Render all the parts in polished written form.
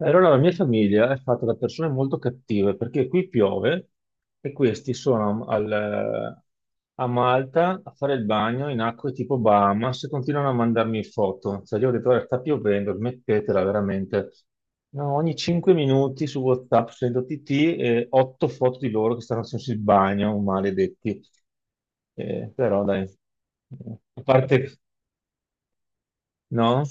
Allora, la mia famiglia è fatta da persone molto cattive perché qui piove e questi sono a Malta a fare il bagno in acque tipo Bahamas e continuano a mandarmi foto. Cioè, io ho detto, "Guarda, sta piovendo, smettetela veramente. No, ogni 5 minuti su WhatsApp sento TT e 8 foto di loro che stanno facendo il bagno, maledetti." Però dai. Eh, a parte... No?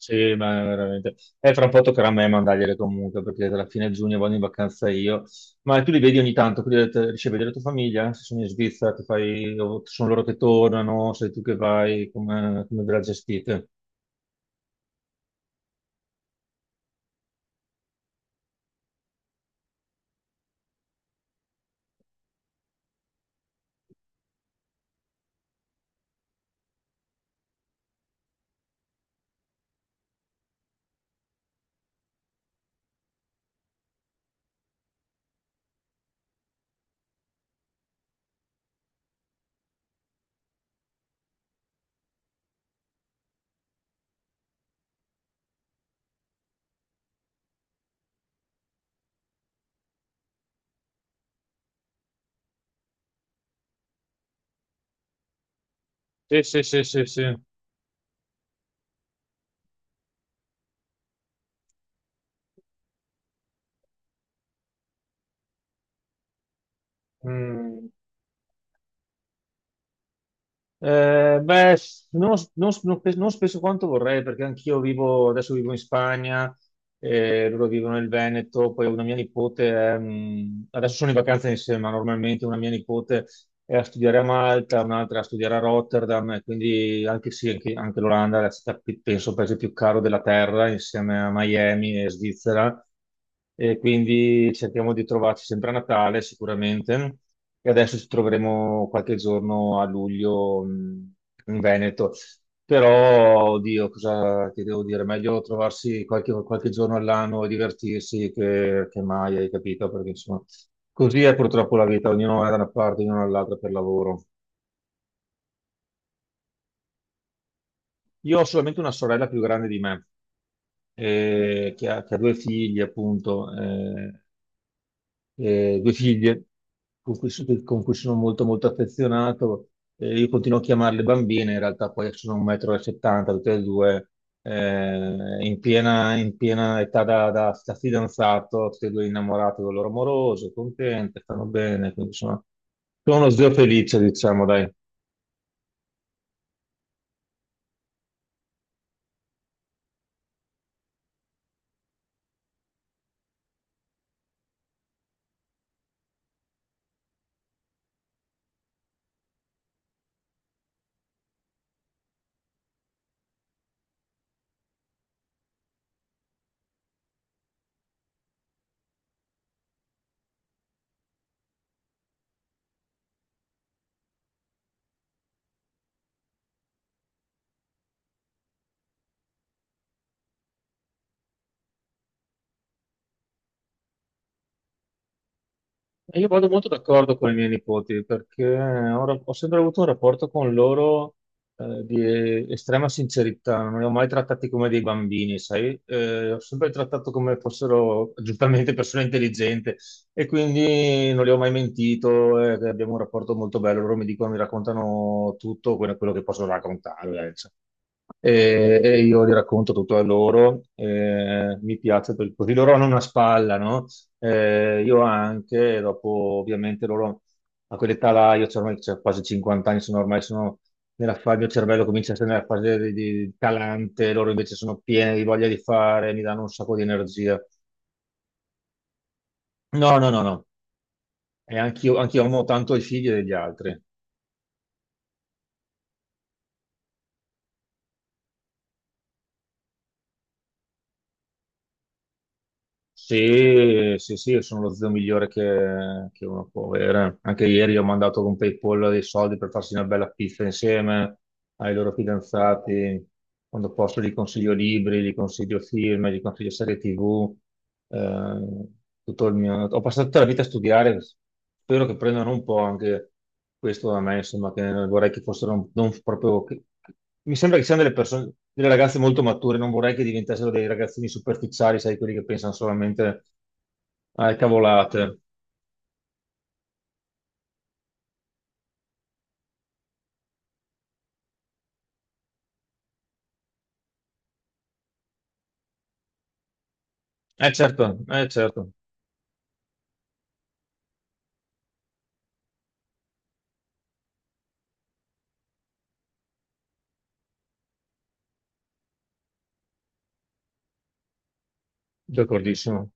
Sì, ma veramente. E fra un po' toccherà a me mandargliele comunque, perché alla fine giugno vado in vacanza io. Ma tu li vedi ogni tanto, quindi ho detto, riesci a vedere la tua famiglia? Se sono in Svizzera, ti fai... o sono loro che tornano, sei tu che vai, come, come ve la gestite? Sì, sì, sì, sì, sì. Mm. Beh, non spesso quanto vorrei, perché anch'io vivo, adesso vivo in Spagna, loro vivono nel Veneto. Poi una mia nipote adesso sono in vacanza insieme, ma normalmente una mia nipote e a studiare a Malta, un'altra a studiare a Rotterdam, e quindi anche, sì, anche, anche l'Olanda è la città, penso, il paese più caro della terra, insieme a Miami e Svizzera. E quindi cerchiamo di trovarci sempre a Natale, sicuramente. E adesso ci troveremo qualche giorno a luglio, in Veneto. Però, oddio, cosa ti devo dire? Meglio trovarsi qualche giorno all'anno e divertirsi che mai, hai capito? Perché insomma così è purtroppo la vita, ognuno va da una parte, ognuno dall'altra per lavoro. Io ho solamente una sorella più grande di me, che ha due figli, appunto, due figlie con cui, con cui sono molto, molto affezionato. Io continuo a chiamarle bambine, in realtà poi sono 1,70 m, tutte e due, in piena età da fidanzato, tutte e due innamorate del loro amoroso, contente, stanno bene, quindi sono, sono uno zio felice, diciamo, dai. Io vado molto d'accordo con i miei nipoti perché ho sempre avuto un rapporto con loro, di estrema sincerità, non li ho mai trattati come dei bambini, sai? Ho sempre trattato come fossero giustamente persone intelligenti e quindi non li ho mai mentito. Abbiamo un rapporto molto bello, loro mi dicono, mi raccontano tutto quello che possono raccontare, cioè e io gli racconto tutto a loro. Mi piace perché così loro hanno una spalla, no? Io anche, e dopo ovviamente loro a quell'età là, io c'ho ormai c'ho quasi 50 anni, sono ormai sono nella fase, il mio cervello comincia a essere nella fase di calante, loro invece sono pieni di voglia di fare, mi danno un sacco di energia. No, no, no, no. E anch'io amo tanto i figli degli altri. Sì, sì, sì, sono lo zio migliore che uno può avere. Anche ieri ho mandato con PayPal dei soldi per farsi una bella pizza insieme ai loro fidanzati. Quando posso gli consiglio libri, gli consiglio film, gli consiglio serie TV. eh, Tutto il mio... Ho passato tutta la vita a studiare, spero che prendano un po' anche questo da me, insomma, che vorrei che fossero non proprio... Mi sembra che siano delle persone, delle ragazze molto mature, non vorrei che diventassero dei ragazzini superficiali, sai, quelli che pensano solamente alle cavolate. Certo, eh certo, d'accordissimo.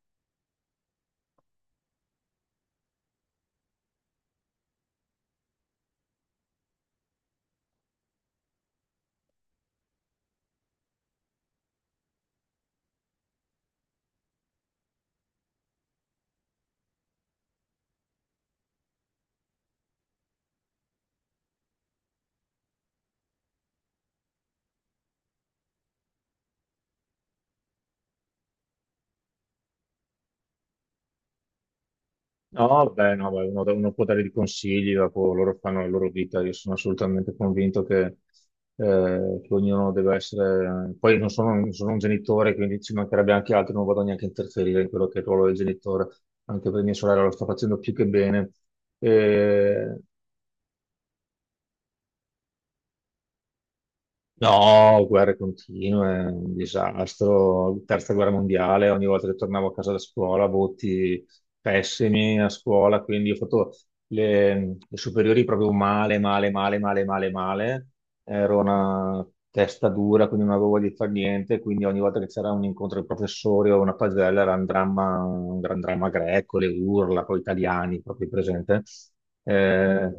No, beh, no, beh, uno può dare dei consigli, dopo loro fanno la loro vita, io sono assolutamente convinto che ognuno deve essere... Poi non sono un genitore, quindi ci mancherebbe anche altro, non vado neanche a interferire in quello che è il ruolo del genitore, anche per mia sorella lo sta facendo più che bene. Eh, No, guerre continue, un disastro, terza guerra mondiale, ogni volta che tornavo a casa da scuola, voti pessimi a scuola, quindi ho fatto le, le superiori proprio male, male, male, male, male, male. Ero una testa dura, quindi non avevo voglia di fare niente, quindi ogni volta che c'era un incontro di professori o una pagella era un dramma, un gran dramma greco, le urla, poi italiani, proprio presente. Eh,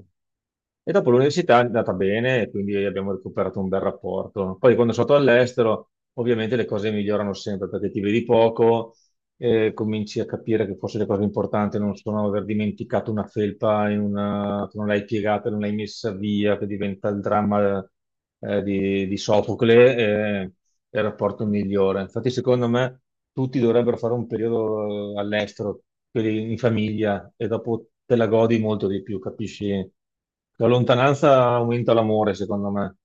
e dopo l'università è andata bene, e quindi abbiamo recuperato un bel rapporto. Poi quando sono stato all'estero, ovviamente le cose migliorano sempre perché ti vedi poco, cominci a capire che forse le cose importanti non sono aver dimenticato una felpa in che non l'hai piegata, non l'hai messa via, che diventa il dramma, di Sofocle, è il rapporto migliore. Infatti, secondo me, tutti dovrebbero fare un periodo, all'estero, quelli in famiglia, e dopo te la godi molto di più, capisci? La lontananza aumenta l'amore, secondo me.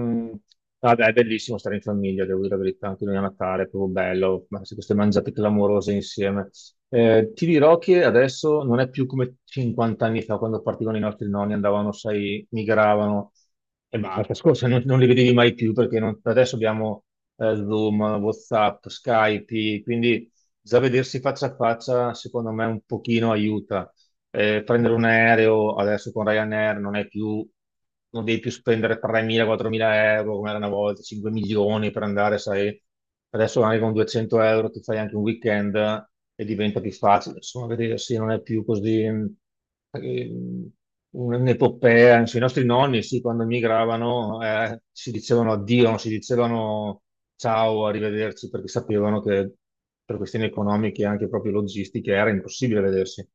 Mm. Vabbè, è bellissimo stare in famiglia, devo dire la verità, anche noi a Natale è proprio bello, ma se queste mangiate clamorose insieme. Ti dirò che adesso non è più come 50 anni fa, quando partivano i nostri nonni, andavano, sai, migravano e basta, scorsa non, non li vedevi mai più perché non- adesso abbiamo, Zoom, WhatsApp, Skype, quindi già vedersi faccia a faccia, secondo me, un pochino aiuta. Prendere un aereo adesso con Ryanair non è più, non devi più spendere 3.000-4.000 euro come era una volta, 5 milioni per andare, sai, adesso anche con 200 euro ti fai anche un weekend e diventa più facile, insomma, vedersi non è più così, un'epopea, anzi, i nostri nonni, sì, quando migravano, si dicevano addio, non si dicevano ciao, arrivederci, perché sapevano che per questioni economiche e anche proprio logistiche era impossibile vedersi.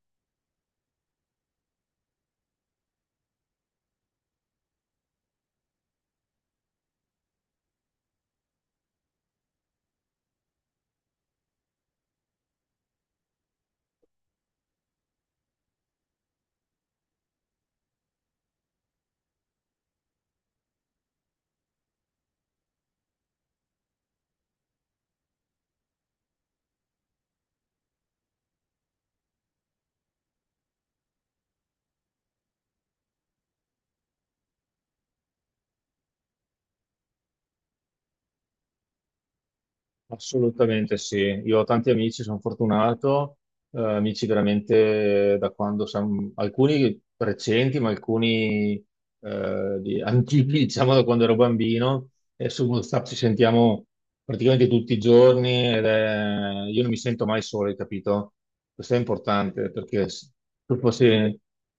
Assolutamente sì, io ho tanti amici, sono fortunato, amici veramente da quando siamo, alcuni recenti, ma alcuni antichi, diciamo da quando ero bambino, e su WhatsApp ci sentiamo praticamente tutti i giorni io non mi sento mai solo, hai capito? Questo è importante perché se tu fossi,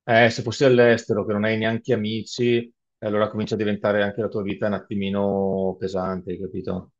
se fossi all'estero che non hai neanche amici, allora comincia a diventare anche la tua vita un attimino pesante, hai capito?